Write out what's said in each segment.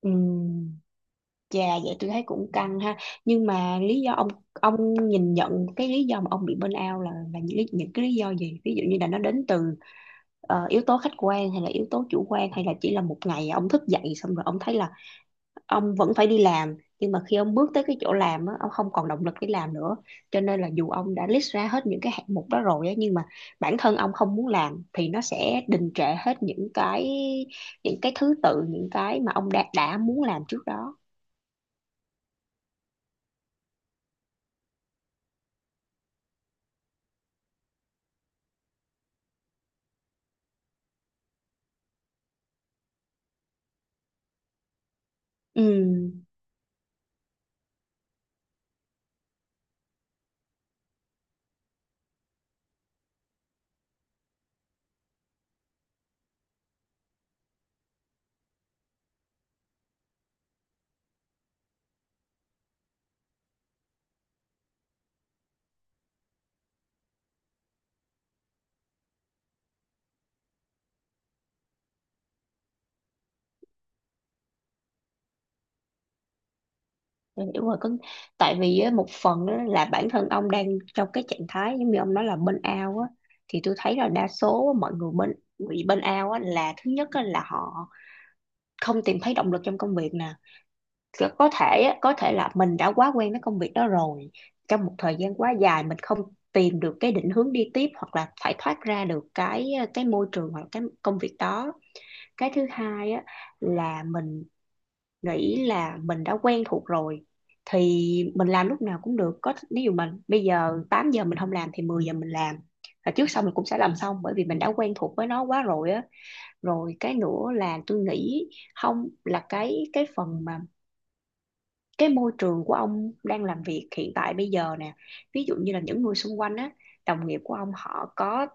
Ừm, Chà, vậy tôi thấy cũng căng ha. Nhưng mà lý do ông ông nhìn nhận cái lý do mà ông bị burnout là những cái lý do gì, ví dụ như là nó đến từ yếu tố khách quan hay là yếu tố chủ quan, hay là chỉ là một ngày ông thức dậy xong rồi ông thấy là ông vẫn phải đi làm, nhưng mà khi ông bước tới cái chỗ làm á, ông không còn động lực để làm nữa, cho nên là dù ông đã list ra hết những cái hạng mục đó rồi á, nhưng mà bản thân ông không muốn làm thì nó sẽ đình trệ hết những cái thứ tự những cái mà ông đã muốn làm trước đó. Ừ, tôi hiểu rồi. Có, tại vì á, một phần á, là bản thân ông đang trong cái trạng thái giống như ông nói là burnout á, thì tôi thấy là đa số mọi người bị burnout á là thứ nhất á, là họ không tìm thấy động lực trong công việc nè. Có thể là mình đã quá quen với công việc đó rồi, trong một thời gian quá dài mình không tìm được cái định hướng đi tiếp, hoặc là phải thoát ra được cái môi trường hoặc cái công việc đó. Cái thứ hai á, là mình nghĩ là mình đã quen thuộc rồi thì mình làm lúc nào cũng được, có ví dụ mình bây giờ 8 giờ mình không làm thì 10 giờ mình làm, và trước sau mình cũng sẽ làm xong, bởi vì mình đã quen thuộc với nó quá rồi á. Rồi cái nữa là tôi nghĩ không, là cái phần mà cái môi trường của ông đang làm việc hiện tại bây giờ nè, ví dụ như là những người xung quanh á, đồng nghiệp của ông họ có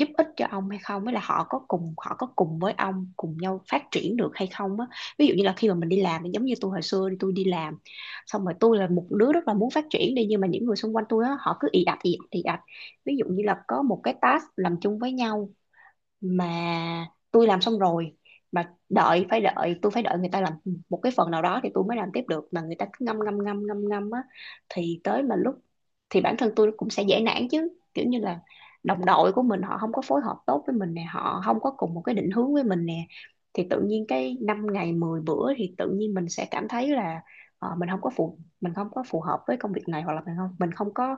giúp ích cho ông hay không, với là họ có cùng với ông cùng nhau phát triển được hay không á. Ví dụ như là khi mà mình đi làm, giống như tôi hồi xưa đi tôi đi làm xong rồi, tôi là một đứa rất là muốn phát triển đi, nhưng mà những người xung quanh tôi á họ cứ ì ạch ì ạch ì ạch. Ví dụ như là có một cái task làm chung với nhau mà tôi làm xong rồi, mà đợi phải đợi tôi phải đợi người ta làm một cái phần nào đó thì tôi mới làm tiếp được, mà người ta cứ ngâm ngâm ngâm ngâm ngâm á, thì tới mà lúc thì bản thân tôi cũng sẽ dễ nản chứ, kiểu như là đồng đội của mình họ không có phối hợp tốt với mình nè, họ không có cùng một cái định hướng với mình nè, thì tự nhiên cái 5 ngày 10 bữa thì tự nhiên mình sẽ cảm thấy là mình không có phù hợp với công việc này, hoặc là mình không có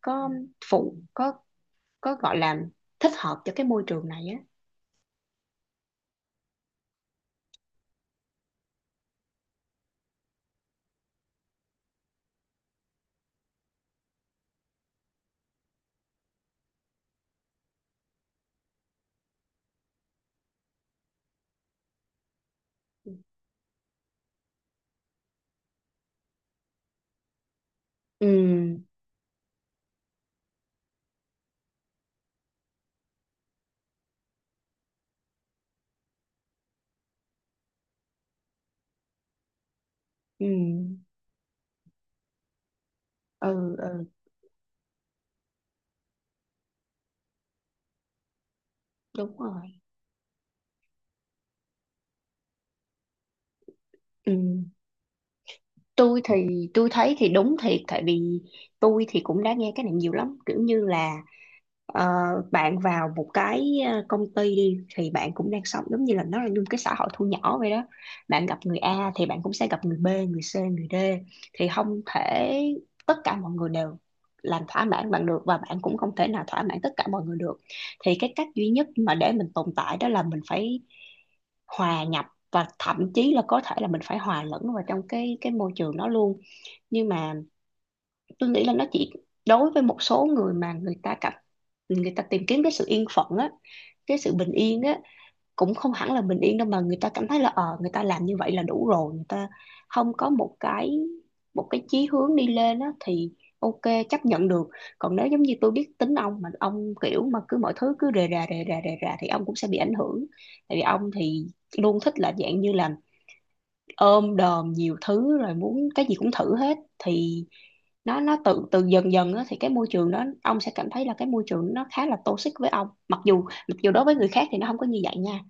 có phụ có gọi là thích hợp cho cái môi trường này á. Ừ. Ừ. Ừ. Ừ. Đúng rồi. Ừ. Tôi thấy thì đúng thiệt, tại vì tôi thì cũng đã nghe cái này nhiều lắm, kiểu như là ờ, bạn vào một cái công ty đi thì bạn cũng đang sống giống như là nó là như một cái xã hội thu nhỏ vậy đó. Bạn gặp người A thì bạn cũng sẽ gặp người B, người C, người D, thì không thể tất cả mọi người đều làm thỏa mãn bạn được, và bạn cũng không thể nào thỏa mãn tất cả mọi người được. Thì cái cách duy nhất mà để mình tồn tại đó là mình phải hòa nhập, và thậm chí là có thể là mình phải hòa lẫn vào trong cái môi trường đó luôn. Nhưng mà tôi nghĩ là nó chỉ đối với một số người mà người ta tìm kiếm cái sự yên phận á, cái sự bình yên á, cũng không hẳn là bình yên đâu, mà người ta cảm thấy là người ta làm như vậy là đủ rồi, người ta không có một cái chí hướng đi lên á thì ok, chấp nhận được. Còn nếu giống như tôi biết tính ông, mà ông kiểu mà cứ mọi thứ cứ rề rà rề rà rề rà thì ông cũng sẽ bị ảnh hưởng, tại vì ông thì luôn thích là dạng như là ôm đồm nhiều thứ rồi muốn cái gì cũng thử hết, thì nó tự từ dần dần á, thì cái môi trường đó ông sẽ cảm thấy là cái môi trường nó khá là toxic với ông, mặc dù đối với người khác thì nó không có như vậy nha.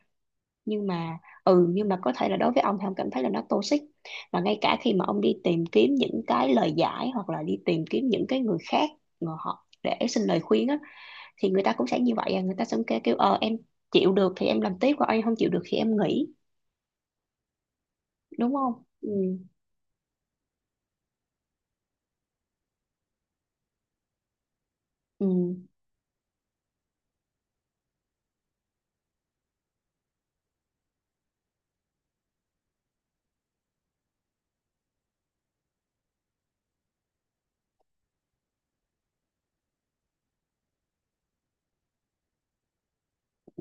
Nhưng mà ừ, nhưng mà có thể là đối với ông thì ông cảm thấy là nó toxic. Và ngay cả khi mà ông đi tìm kiếm những cái lời giải, hoặc là đi tìm kiếm những cái người khác mà họ để xin lời khuyên á, thì người ta cũng sẽ như vậy à, người ta sẽ kêu kêu em chịu được thì em làm tiếp, còn em không chịu được thì em nghỉ, đúng không? Ừ. Ừ.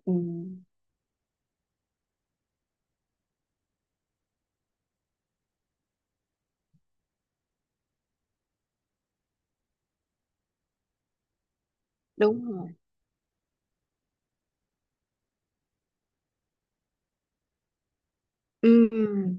Ừ. Đúng rồi. Ừ.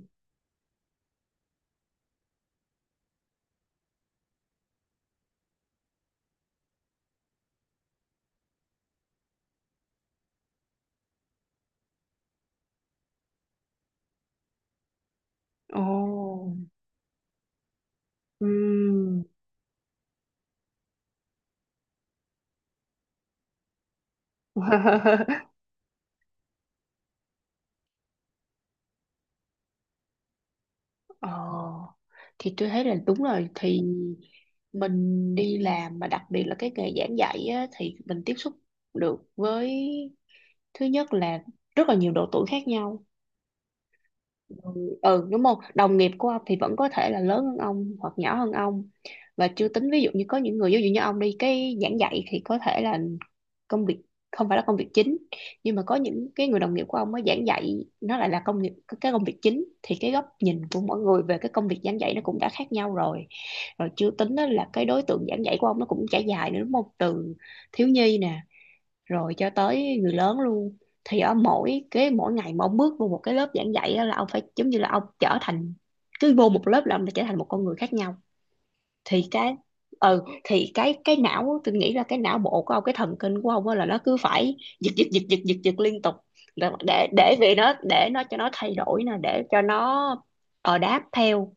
Ồ. Ừ. Ờ, thì tôi thấy là đúng rồi. Thì mình đi làm mà đặc biệt là cái nghề giảng dạy á, thì mình tiếp xúc được với, thứ nhất là, rất là nhiều độ tuổi khác nhau. Ừ. Ừ, đúng không, đồng nghiệp của ông thì vẫn có thể là lớn hơn ông hoặc nhỏ hơn ông. Và chưa tính ví dụ như có những người, ví dụ như ông đi cái giảng dạy thì có thể là công việc không phải là công việc chính, nhưng mà có những cái người đồng nghiệp của ông mới giảng dạy nó lại là công việc, cái công việc chính, thì cái góc nhìn của mỗi người về cái công việc giảng dạy nó cũng đã khác nhau rồi. Rồi chưa tính đó là cái đối tượng giảng dạy của ông nó cũng trải dài nữa, đúng không, từ thiếu nhi nè rồi cho tới người lớn luôn. Thì ở mỗi cái mỗi ngày mà ông bước vô một cái lớp giảng dạy á là ông phải giống như là ông trở thành, cứ vô một lớp là ông đã trở thành một con người khác nhau. Thì cái ừ thì cái cái não á, tôi nghĩ là cái não bộ của ông, cái thần kinh của ông á là nó cứ phải giật giật giật giật giật giật liên tục, để vì nó để nó cho nó thay đổi nè, để cho nó đáp theo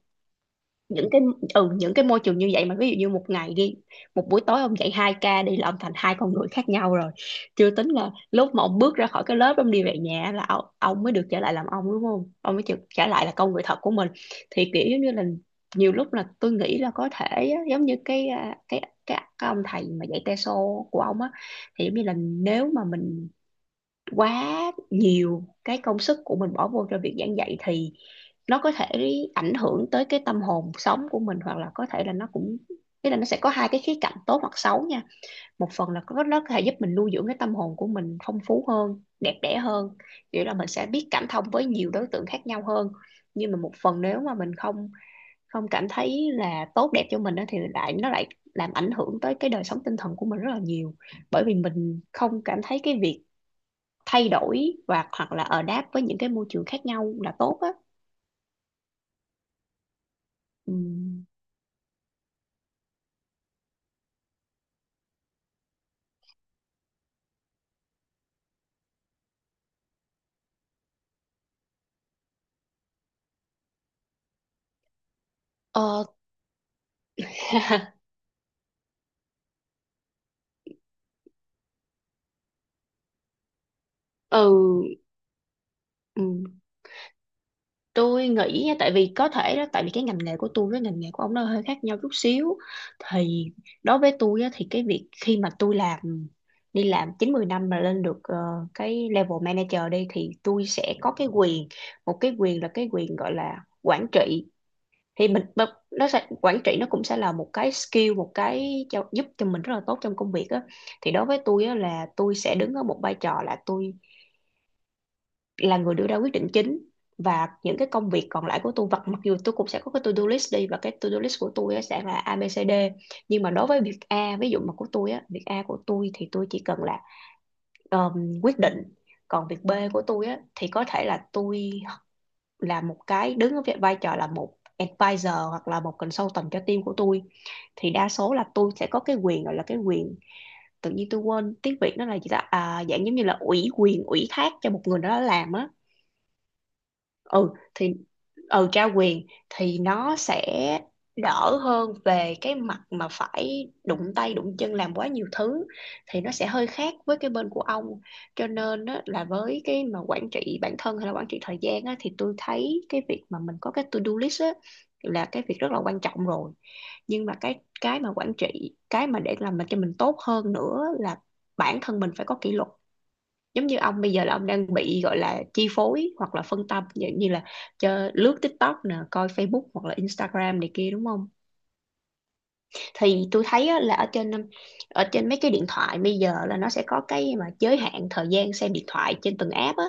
những cái những cái môi trường như vậy. Mà ví dụ như một ngày đi, một buổi tối ông dạy 2 ca đi là ông thành hai con người khác nhau rồi. Chưa tính là lúc mà ông bước ra khỏi cái lớp ông đi về nhà là ông mới được trở lại làm ông, đúng không, ông mới được trở lại là con người thật của mình. Thì kiểu giống như là nhiều lúc là tôi nghĩ là có thể á, giống như cái à, cái cái ông thầy mà dạy teso của ông á, thì giống như là nếu mà mình quá nhiều cái công sức của mình bỏ vô cho việc giảng dạy thì nó có thể ảnh hưởng tới cái tâm hồn sống của mình, hoặc là có thể là nó cũng... Thế là nó sẽ có hai cái khía cạnh tốt hoặc xấu nha. Một phần là có nó có thể giúp mình nuôi dưỡng cái tâm hồn của mình phong phú hơn, đẹp đẽ hơn, nghĩa là mình sẽ biết cảm thông với nhiều đối tượng khác nhau hơn. Nhưng mà một phần nếu mà mình không không cảm thấy là tốt đẹp cho mình á, thì lại nó lại làm ảnh hưởng tới cái đời sống tinh thần của mình rất là nhiều. Bởi vì mình không cảm thấy cái việc thay đổi và hoặc là ở đáp với những cái môi trường khác nhau là tốt á. Ờ, ừ, ừ tôi nghĩ nha, tại vì có thể đó tại vì cái ngành nghề của tôi với ngành nghề của ông nó hơi khác nhau chút xíu. Thì đối với tôi á, thì cái việc khi mà tôi làm đi làm 9 10 năm mà lên được cái level manager đi thì tôi sẽ có cái quyền, một cái quyền là cái quyền gọi là quản trị. Thì mình mà nó sẽ quản trị, nó cũng sẽ là một cái skill, một cái giúp cho mình rất là tốt trong công việc á. Thì đối với tôi á, là tôi sẽ đứng ở một vai trò là tôi là người đưa ra quyết định chính, và những cái công việc còn lại của tôi vật mặc dù tôi cũng sẽ có cái to-do list đi, và cái to-do list của tôi sẽ là ABCD. Nhưng mà đối với việc A ví dụ mà của tôi á, việc A của tôi thì tôi chỉ cần là quyết định. Còn việc B của tôi á thì có thể là tôi là một cái đứng ở vai trò là một advisor hoặc là một consultant cho team của tôi. Thì đa số là tôi sẽ có cái quyền gọi là cái quyền, tự nhiên tôi quên tiếng Việt nó là gì ta, à, dạng giống như là ủy quyền ủy thác cho một người đó làm á. Ừ thì ừ, trao quyền thì nó sẽ đỡ hơn về cái mặt mà phải đụng tay đụng chân làm quá nhiều thứ. Thì nó sẽ hơi khác với cái bên của ông. Cho nên á, là với cái mà quản trị bản thân hay là quản trị thời gian á, thì tôi thấy cái việc mà mình có cái to-do list á, là cái việc rất là quan trọng rồi. Nhưng mà cái mà quản trị, cái mà để làm mình cho mình tốt hơn nữa là bản thân mình phải có kỷ luật. Giống như ông bây giờ là ông đang bị gọi là chi phối hoặc là phân tâm, dạng như là cho lướt TikTok nè, coi Facebook hoặc là Instagram này kia đúng không. Thì tôi thấy á, là ở trên mấy cái điện thoại bây giờ là nó sẽ có cái mà giới hạn thời gian xem điện thoại trên từng app á.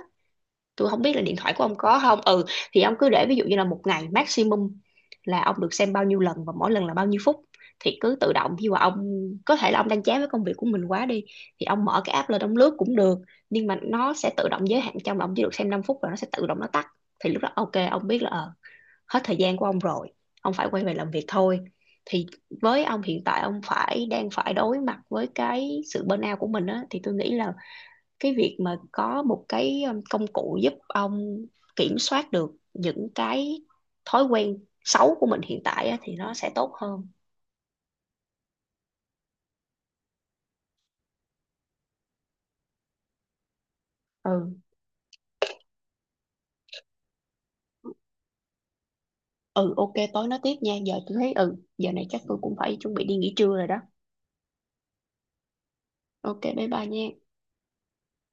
Tôi không biết là điện thoại của ông có không. Ừ, thì ông cứ để ví dụ như là một ngày maximum là ông được xem bao nhiêu lần và mỗi lần là bao nhiêu phút. Thì cứ tự động khi mà ông, có thể là ông đang chán với công việc của mình quá đi, thì ông mở cái app lên ông lướt cũng được, nhưng mà nó sẽ tự động giới hạn trong là ông chỉ được xem 5 phút và nó sẽ tự động nó tắt. Thì lúc đó ok ông biết là hết thời gian của ông rồi, ông phải quay về làm việc thôi. Thì với ông hiện tại ông phải đang phải đối mặt với cái sự burnout của mình á, thì tôi nghĩ là cái việc mà có một cái công cụ giúp ông kiểm soát được những cái thói quen xấu của mình hiện tại á, thì nó sẽ tốt hơn. Ừ ừ, ok tối nói tiếp nha. Giờ tôi thấy ừ, giờ này chắc tôi cũng phải chuẩn bị đi nghỉ trưa rồi đó. Ok, bye bye nha.